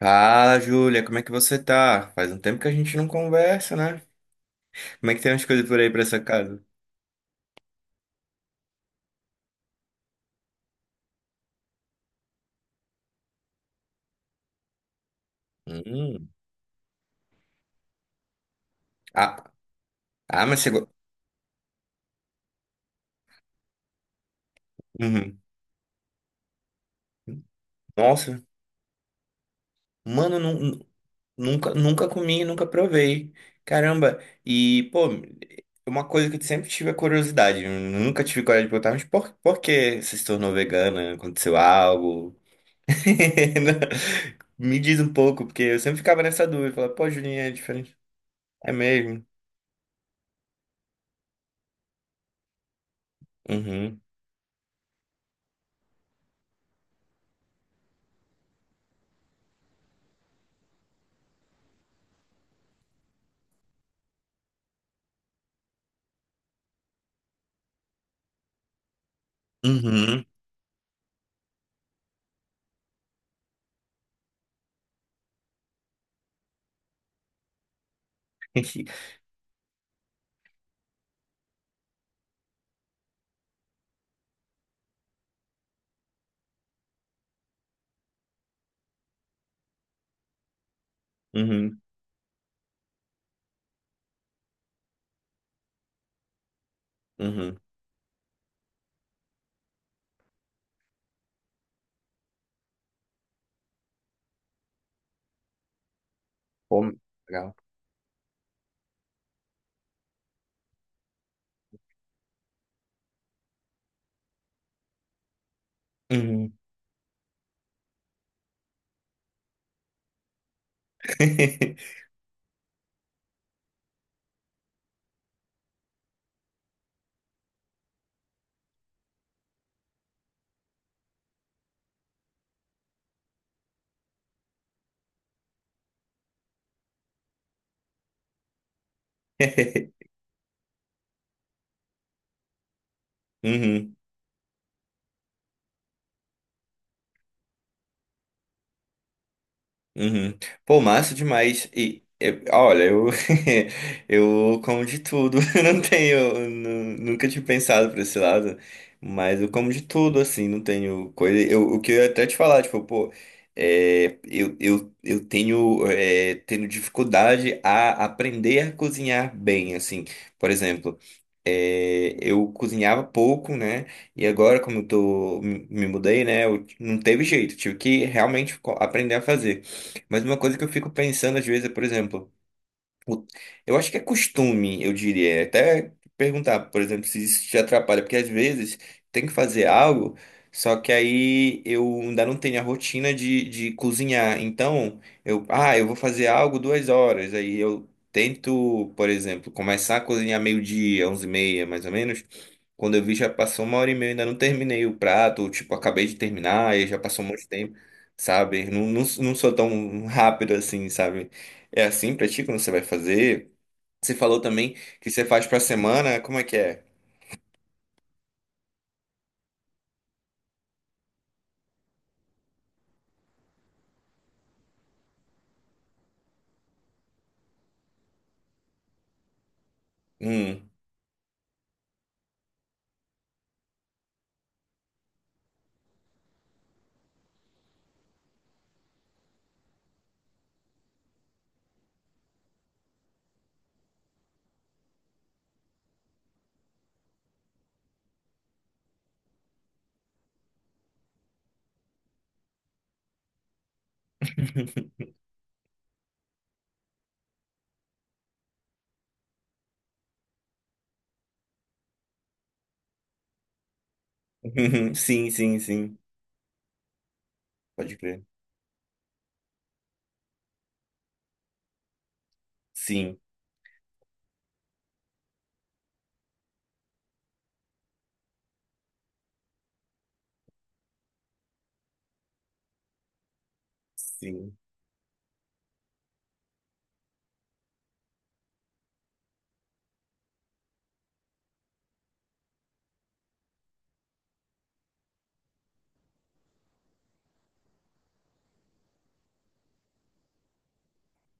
Fala, Júlia, como é que você tá? Faz um tempo que a gente não conversa, né? Como é que tem as coisas por aí pra essa casa? Hum. Ah, ah, mas você. Uhum. Nossa, mano, nunca comi, nunca provei. Caramba, e, pô, uma coisa que eu sempre tive a curiosidade, eu nunca tive coragem de perguntar, mas por que você se tornou vegana? Aconteceu algo? Me diz um pouco, porque eu sempre ficava nessa dúvida, falava, pô, Julinha, é diferente. É mesmo? Uhum. Uhum. Uhum, uhum. Pô, legal. Uhum. Uhum, uhum. Pô, massa demais. Olha, eu, eu como de tudo. Eu não tenho, nunca tinha pensado por esse lado, mas eu como de tudo, assim, não tenho coisa. O que eu ia até te falar, tipo, pô, eu tenho, tenho dificuldade a aprender a cozinhar bem, assim. Por exemplo. É, eu cozinhava pouco, né? E agora, como eu tô, me mudei, né? Não teve jeito, tive que realmente aprender a fazer. Mas uma coisa que eu fico pensando às vezes é, por exemplo, o- eu acho que é costume, eu diria. É Até perguntar, por exemplo, se isso te atrapalha, porque às vezes tem que fazer algo, só que aí eu ainda não tenho a rotina de cozinhar. Então, eu vou fazer algo 2 horas. Aí eu tento, por exemplo, começar a cozinhar meio-dia, 11:30, mais ou menos. Quando eu vi, já passou uma hora e meia, ainda não terminei o prato, ou, tipo, acabei de terminar, e já passou um monte de tempo, sabe? Não sou tão rápido assim, sabe? É assim pra ti quando você vai fazer? Você falou também que você faz pra semana, como é que é? Hum. Sim, sim, sim. Pode crer. Sim, sim.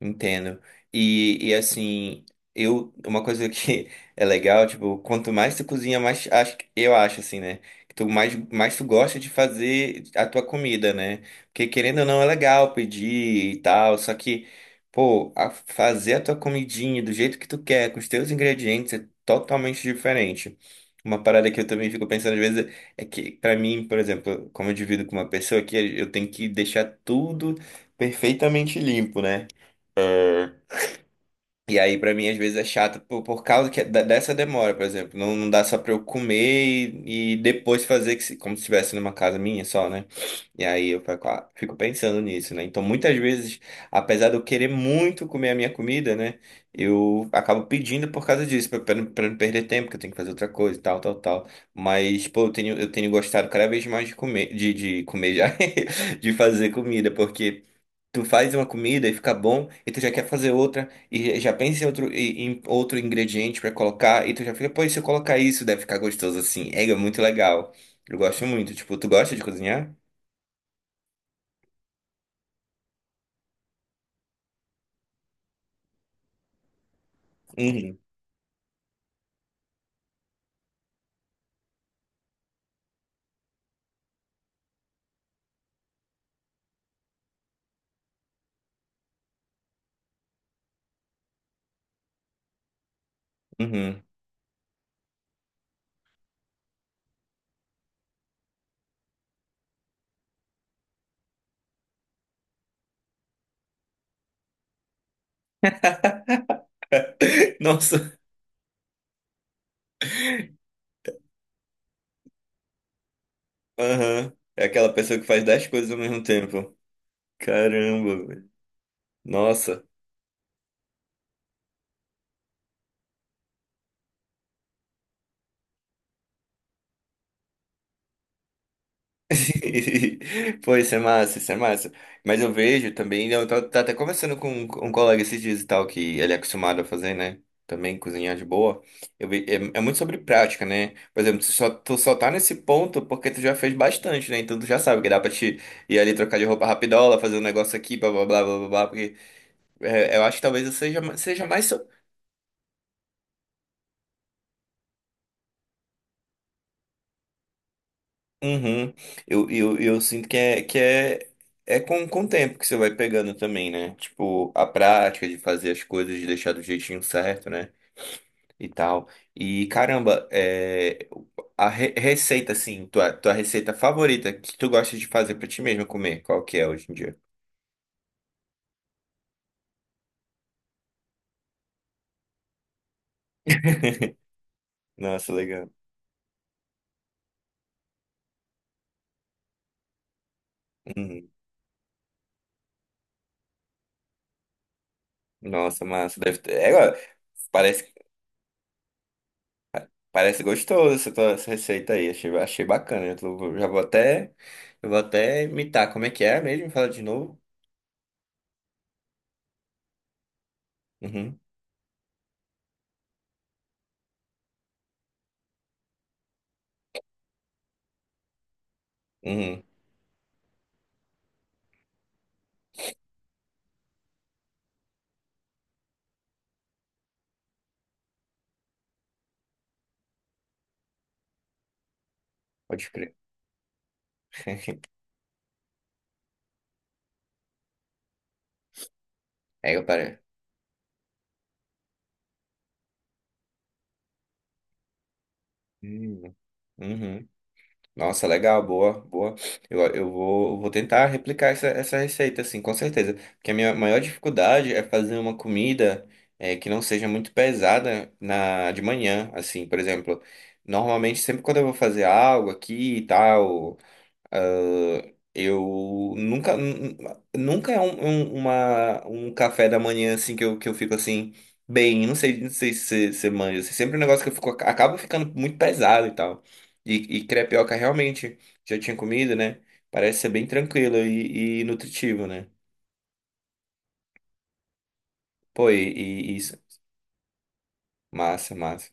Entendo. E assim, eu, uma coisa que é legal, tipo, quanto mais tu cozinha, mais acho, eu acho assim, né? Que mais tu gosta de fazer a tua comida, né? Porque querendo ou não é legal pedir e tal, só que, pô, fazer a tua comidinha do jeito que tu quer, com os teus ingredientes, é totalmente diferente. Uma parada que eu também fico pensando às vezes é que, pra mim, por exemplo, como eu divido com uma pessoa aqui, eu tenho que deixar tudo perfeitamente limpo, né? E aí, pra mim, às vezes é chato por causa que, dessa demora, por exemplo. Não, dá só pra eu comer e depois fazer que se- como se estivesse numa casa minha só, né? E aí eu fico, ah, fico pensando nisso, né? Então, muitas vezes, apesar de eu querer muito comer a minha comida, né? Eu acabo pedindo por causa disso, pra não perder tempo, que eu tenho que fazer outra coisa e tal, tal, tal. Mas, pô, eu tenho gostado cada vez mais de comer, de fazer comida, porque. Tu faz uma comida e fica bom, e tu já quer fazer outra, e já pensa em outro, em outro ingrediente pra colocar, e tu já fica, pô, e se eu colocar isso, deve ficar gostoso assim. É, é muito legal. Eu gosto muito. Tipo, tu gosta de cozinhar? Uhum, uhum. Nossa, aham. É aquela pessoa que faz 10 coisas ao mesmo tempo. Caramba, velho. Nossa. Pô, isso é massa, isso é massa. Mas eu vejo também, eu tô, tá até conversando com um colega esses dias e tal, que ele é acostumado a fazer, né? Também cozinhar de boa. Eu vi, é, é muito sobre prática, né? Por exemplo, tu só tá nesse ponto porque tu já fez bastante, né? Então tu já sabe que dá pra te ir ali trocar de roupa rapidola, fazer um negócio aqui, blá blá blá blá blá, blá porque é, eu acho que talvez seja mais. Uhum. Eu sinto que é, é com o tempo que você vai pegando também, né? Tipo, a prática de fazer as coisas, de deixar do jeitinho certo, né? E tal. E caramba, é, receita, assim, tua receita favorita que tu gosta de fazer pra ti mesma comer, qual que é hoje em dia? Nossa, legal. Uhum. Nossa, massa. Deve ter. É, ó, parece parece gostoso essa, essa receita aí. Achei bacana. Eu vou até imitar. Como é que é mesmo? Fala de novo. Uhum, uhum. Pode crer. É, eu parei. Hum, uhum. Nossa, legal, boa, boa. Eu vou tentar replicar essa receita, assim, com certeza. Porque a minha maior dificuldade é fazer uma comida é, que não seja muito pesada na, de manhã, assim, por exemplo. Normalmente, sempre quando eu vou fazer algo aqui e tal, ah, eu nunca, nun- nunca é um café da manhã assim que eu fico assim, bem, não sei, não sei se você manja, assim, sempre um negócio que eu fico, acabo ficando muito pesado e tal. E crepioca realmente já tinha comido, né? Parece ser bem tranquilo e nutritivo, né? Pô, e isso, massa, massa.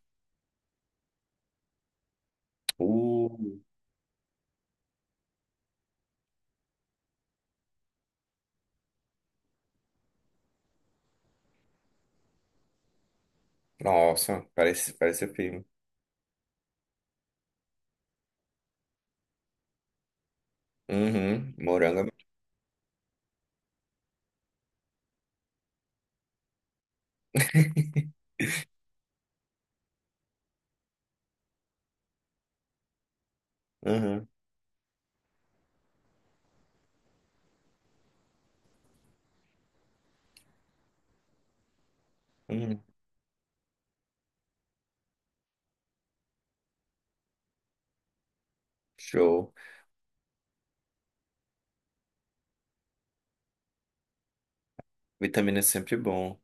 Uh, nossa, parece, parece ser firme. Uhum, morango. Uhum, uhum, show. Vitamina é sempre bom.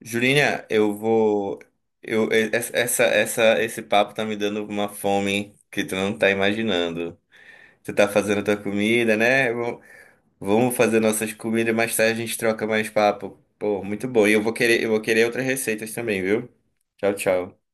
Julinha, eu vou. Eu, e- essa- esse papo tá me dando uma fome que tu não tá imaginando. Tu tá fazendo tua comida, né? Vamos fazer nossas comidas, mais tarde a gente troca mais papo. Pô, muito bom. Eu vou querer outras receitas também, viu? Tchau, tchau.